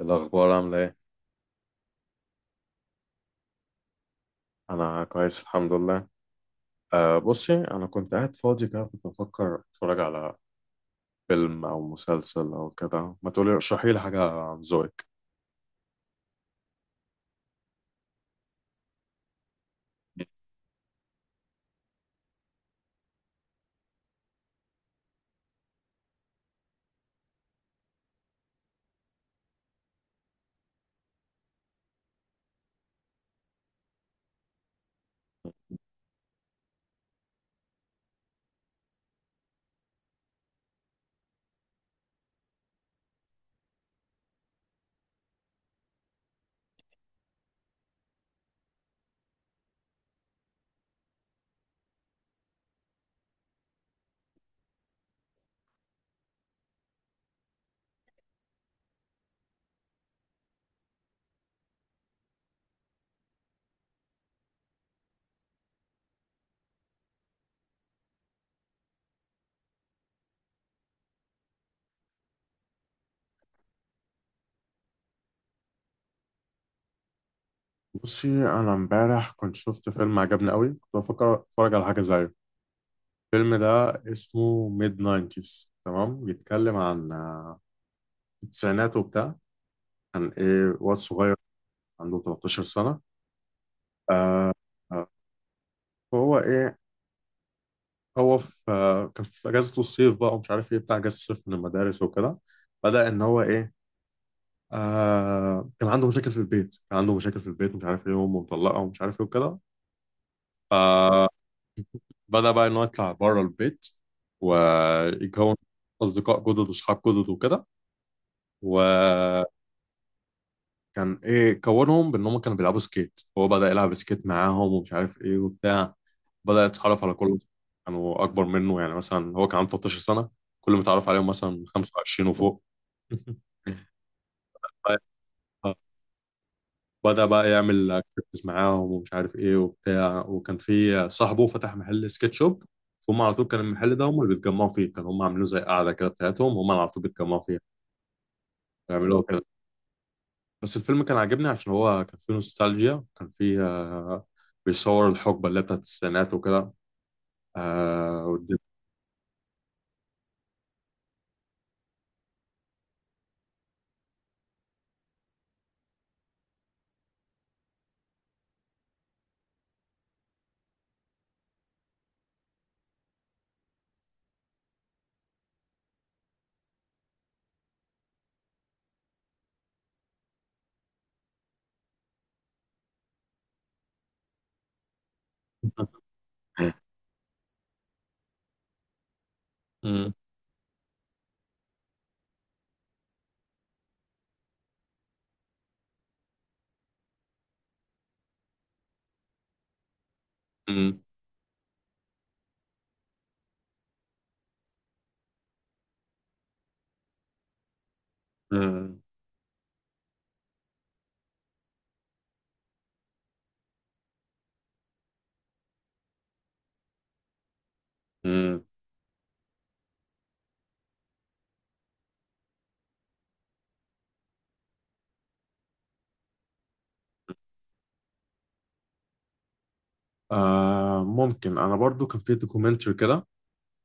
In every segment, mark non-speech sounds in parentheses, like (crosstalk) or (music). الأخبار عاملة إيه؟ أنا كويس الحمد لله. بصي، أنا كنت قاعد فاضي كده، كنت بفكر أتفرج على فيلم أو مسلسل أو كده. ما تقولي ارشحي لي حاجة عن ذوقك؟ بصي، أنا إمبارح كنت شفت فيلم عجبني قوي، كنت بفكر أتفرج على حاجة زيه. الفيلم ده اسمه ميد ناينتيز، تمام. بيتكلم عن التسعينات وبتاع. عن إيه؟ واد صغير عنده 13 سنة. أه آه، هو إيه، هو في آه، كان في اجازه الصيف بقى ومش عارف ايه بتاع اجازه الصيف من المدارس وكده. بدا ان هو ايه، كان عنده مشاكل في البيت. ومش عارف ايه امه مطلقه ومش عارف ايه وكده. فبدا بقى ان هو يطلع بره البيت ويكون اصدقاء جدد واصحاب جدد وكده. كان ايه كونهم، بان هم كانوا بيلعبوا سكيت، هو بدأ يلعب سكيت معاهم ومش عارف ايه وبتاع. بدأ يتعرف على كل، كانوا اكبر منه. يعني مثلا هو كان عنده 13 سنة، كل ما اتعرف عليهم مثلا 25 وفوق. (laughs) بدأ بقى يعمل اكتيفيتيز معاهم ومش عارف ايه وبتاع، وكان في صاحبه فتح محل سكيت شوب. فهم على طول كان المحل ده هم اللي بيتجمعوا فيه، كانوا هم عاملينه زي قاعدة كده بتاعتهم، هم على طول بيتجمعوا فيها. بيعملوا بس الفيلم كان عاجبني عشان هو كان فيه نوستالجيا، كان فيه. بيصور الحقبة اللي هي بتاعت التسعينات وكده. آه، والدنيا- مم. مم. مم. مم. ممكن. أنا برضو كان فيه دوكيومنتري كده،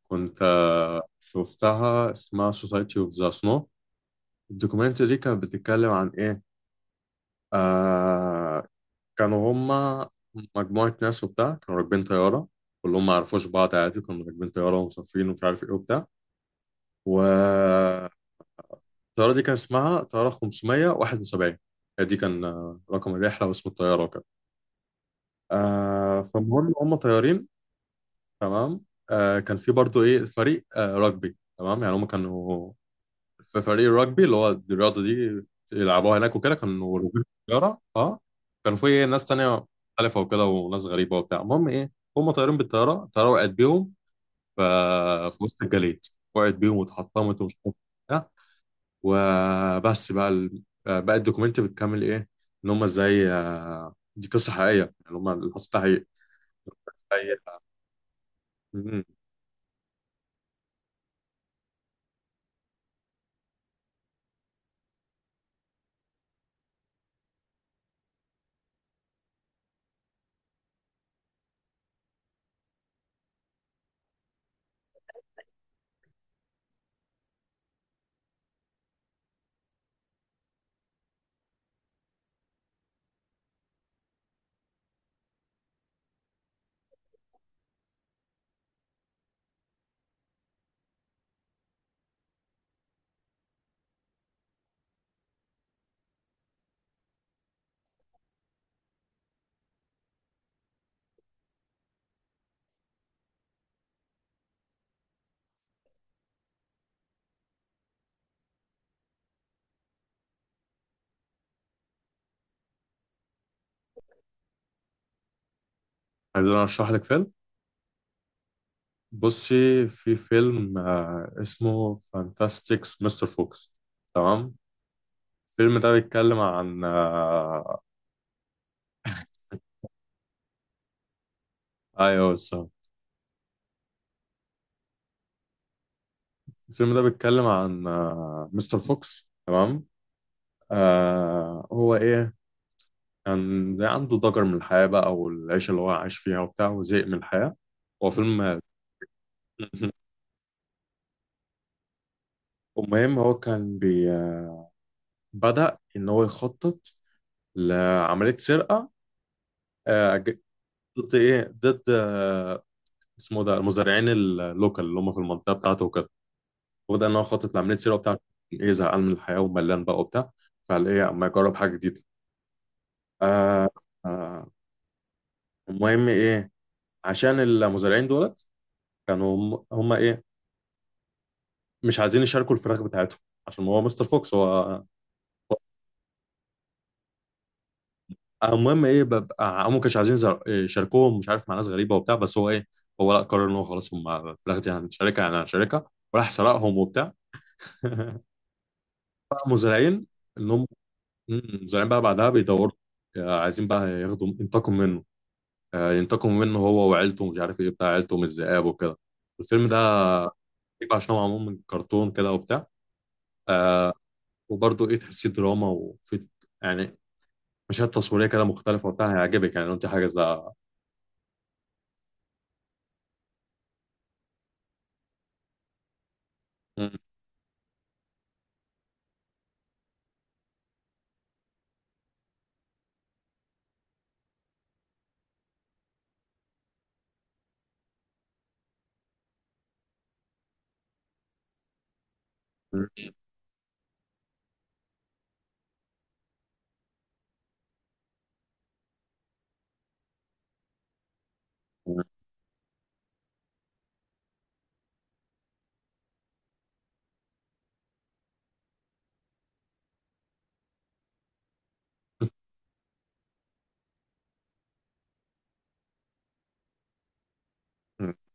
كنت شفتها، اسمها Society of the Snow. الدوكيومنتري دي كانت بتتكلم عن إيه؟ آه، كانوا هما مجموعة ناس وبتاع، كانوا راكبين طيارة، كلهم ما يعرفوش بعض عادي، كانوا راكبين طيارة ومسافرين ومش عارف إيه وبتاع و الطيارة دي كان اسمها طيارة 571. دي كان رقم الرحلة واسم الطيارة وكده. آه فالمهم هم طيارين، تمام. كان في برضو ايه فريق رugby، تمام. يعني هم كانوا في فريق الرجبي اللي هو الرياضة دي يلعبوها هناك وكده، كانوا راكبين الطيارة اه. كانوا في إيه، ناس تانية مختلفة وكده، وناس غريبة وبتاع. المهم ايه، هم طيارين بالطيارة. الطيارة وقعت بيهم ف- في وسط الجليد، وقعت بيهم واتحطمت ومش عارف إيه. وبس، بقى الدوكيومنت بتكمل ايه، ان هم ازاي، دي قصه حقيقيه، يعني هم اللي حصل ده حقيقي. ازاي مم. عايز انا اشرح لك فيلم. بصي، في فيلم اسمه فانتاستيكس مستر فوكس، تمام. الفيلم ده بيتكلم عن. ايوه بالظبط. الفيلم ده بيتكلم عن مستر فوكس، تمام. هو ايه، كان زي عنده ضجر من الحياه بقى والعيشه اللي هو عايش فيها وبتاع وزهق من الحياه. هو فيلم مهم. المهم، هو كان بي بدأ إن هو يخطط لعملية سرقة، آه، ج- ضد إيه، ضد آه، اسمه ده المزارعين اللوكال اللي هم في المنطقة بتاعته وكده، وبدأ إن هو يخطط لعملية سرقة بتاعته. إيه، زهقان من الحياة وملان بقى وبتاع، فقال إيه أما يجرب حاجة جديدة. آه آه المهم إيه، عشان المزارعين دولت كانوا هم إيه، مش عايزين يشاركوا الفراخ بتاعتهم عشان هو مستر فوكس المهم ايه، ببقى هم ما كانوش عايزين يشاركوهم، مش عارف مع ناس غريبه وبتاع، بس هو لا، قرر ان هو خلاص، هم في الاخر دي هنشاركها، وراح سرقهم وبتاع. بقى مزارعين ان هم. مزارعين بقى بعدها بيدوروا، عايزين بقى ينتقموا منه، ينتقموا منه هو وعيلته ومش عارف ايه بتاع عيلته من الذئاب وكده. الفيلم ده غريب عشان هو معمول من كرتون كده وبتاع. آه، وبرضه ايه، تحسيه دراما يعني مشاهد تصويريه كده مختلفه وبتاع، هيعجبك يعني لو انت حاجه زي. مم. (laughs)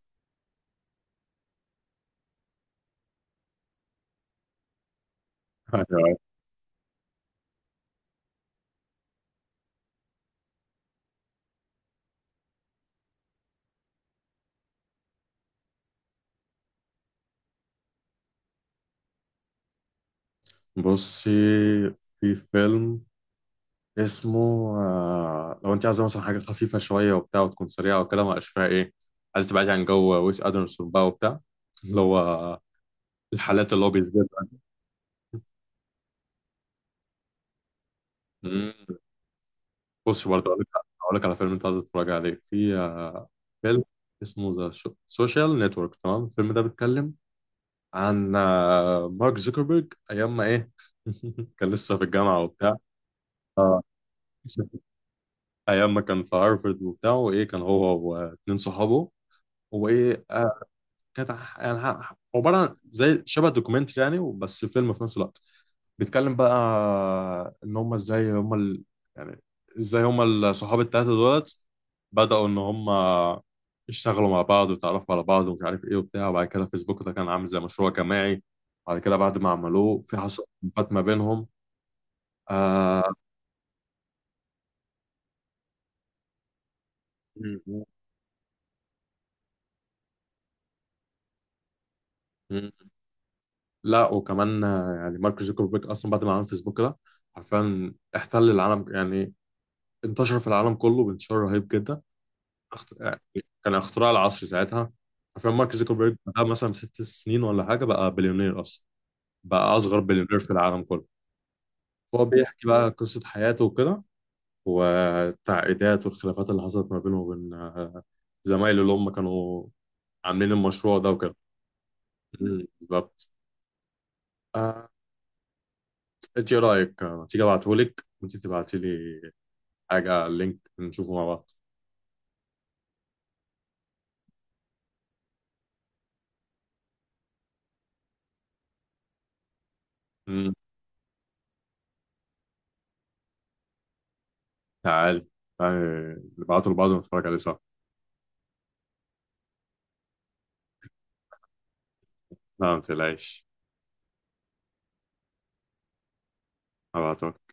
أيوة. بصي، في فيلم اسمه لو انت عايزه مثلا حاجه خفيفه شويه وبتاع وتكون سريعه وكده، ما بقاش فيها ايه، عايزه تبعدي عن جو ويس ادرسون بقى وبتاع، اللي هو الحالات اللي هو بيثبتها. مم. بصي، برضه اقول لك على فيلم انت عايزه تتفرج عليه. في آه، فيلم اسمه ذا سوشيال نتورك، تمام. الفيلم ده بيتكلم عن مارك زوكربيرج ايام ما ايه، (laughs) كان لسه في الجامعه وبتاع اه. ايام ما كان في هارفرد وبتاع، وايه كان هو واتنين صحابه وايه. كانت عباره عن زي شبه دوكيومنتري يعني، بس فيلم في نفس الوقت. بيتكلم بقى ان هم ازاي هم يعني ازاي هم الصحاب التلاته دولت بداوا ان هم يشتغلوا مع بعض ويتعرفوا على بعض ومش عارف ايه وبتاع. وبعد كده فيسبوك ده كان عامل زي مشروع جماعي، بعد كده بعد ما عملوه في حصل خلافات ما بينهم. آه... لا وكمان، يعني مارك زوكربيرج اصلا بعد ما عمل فيسبوك ده، عارفين، احتل العالم يعني، انتشر في العالم كله بانتشار رهيب جدا. يعني كان اختراع العصر ساعتها. عارفين مارك زوكربيرج ده مثلا 6 سنين ولا حاجه بقى بليونير اصلا، بقى اصغر بليونير في العالم كله. فهو بيحكي بقى قصه حياته وكده، والتعقيدات والخلافات اللي حصلت ما بينه وبين زمايله اللي هم كانوا عاملين المشروع ده وكده. مم، بالظبط. آه، انت ايه رايك تيجي ابعتهولك وانت تبعتي لي حاجة على اللينك نشوفه مع بعض. مم. تعال تعال نبعته لبعض ونتفرج عليه سوا. لا، ما تقلقش. هبعته.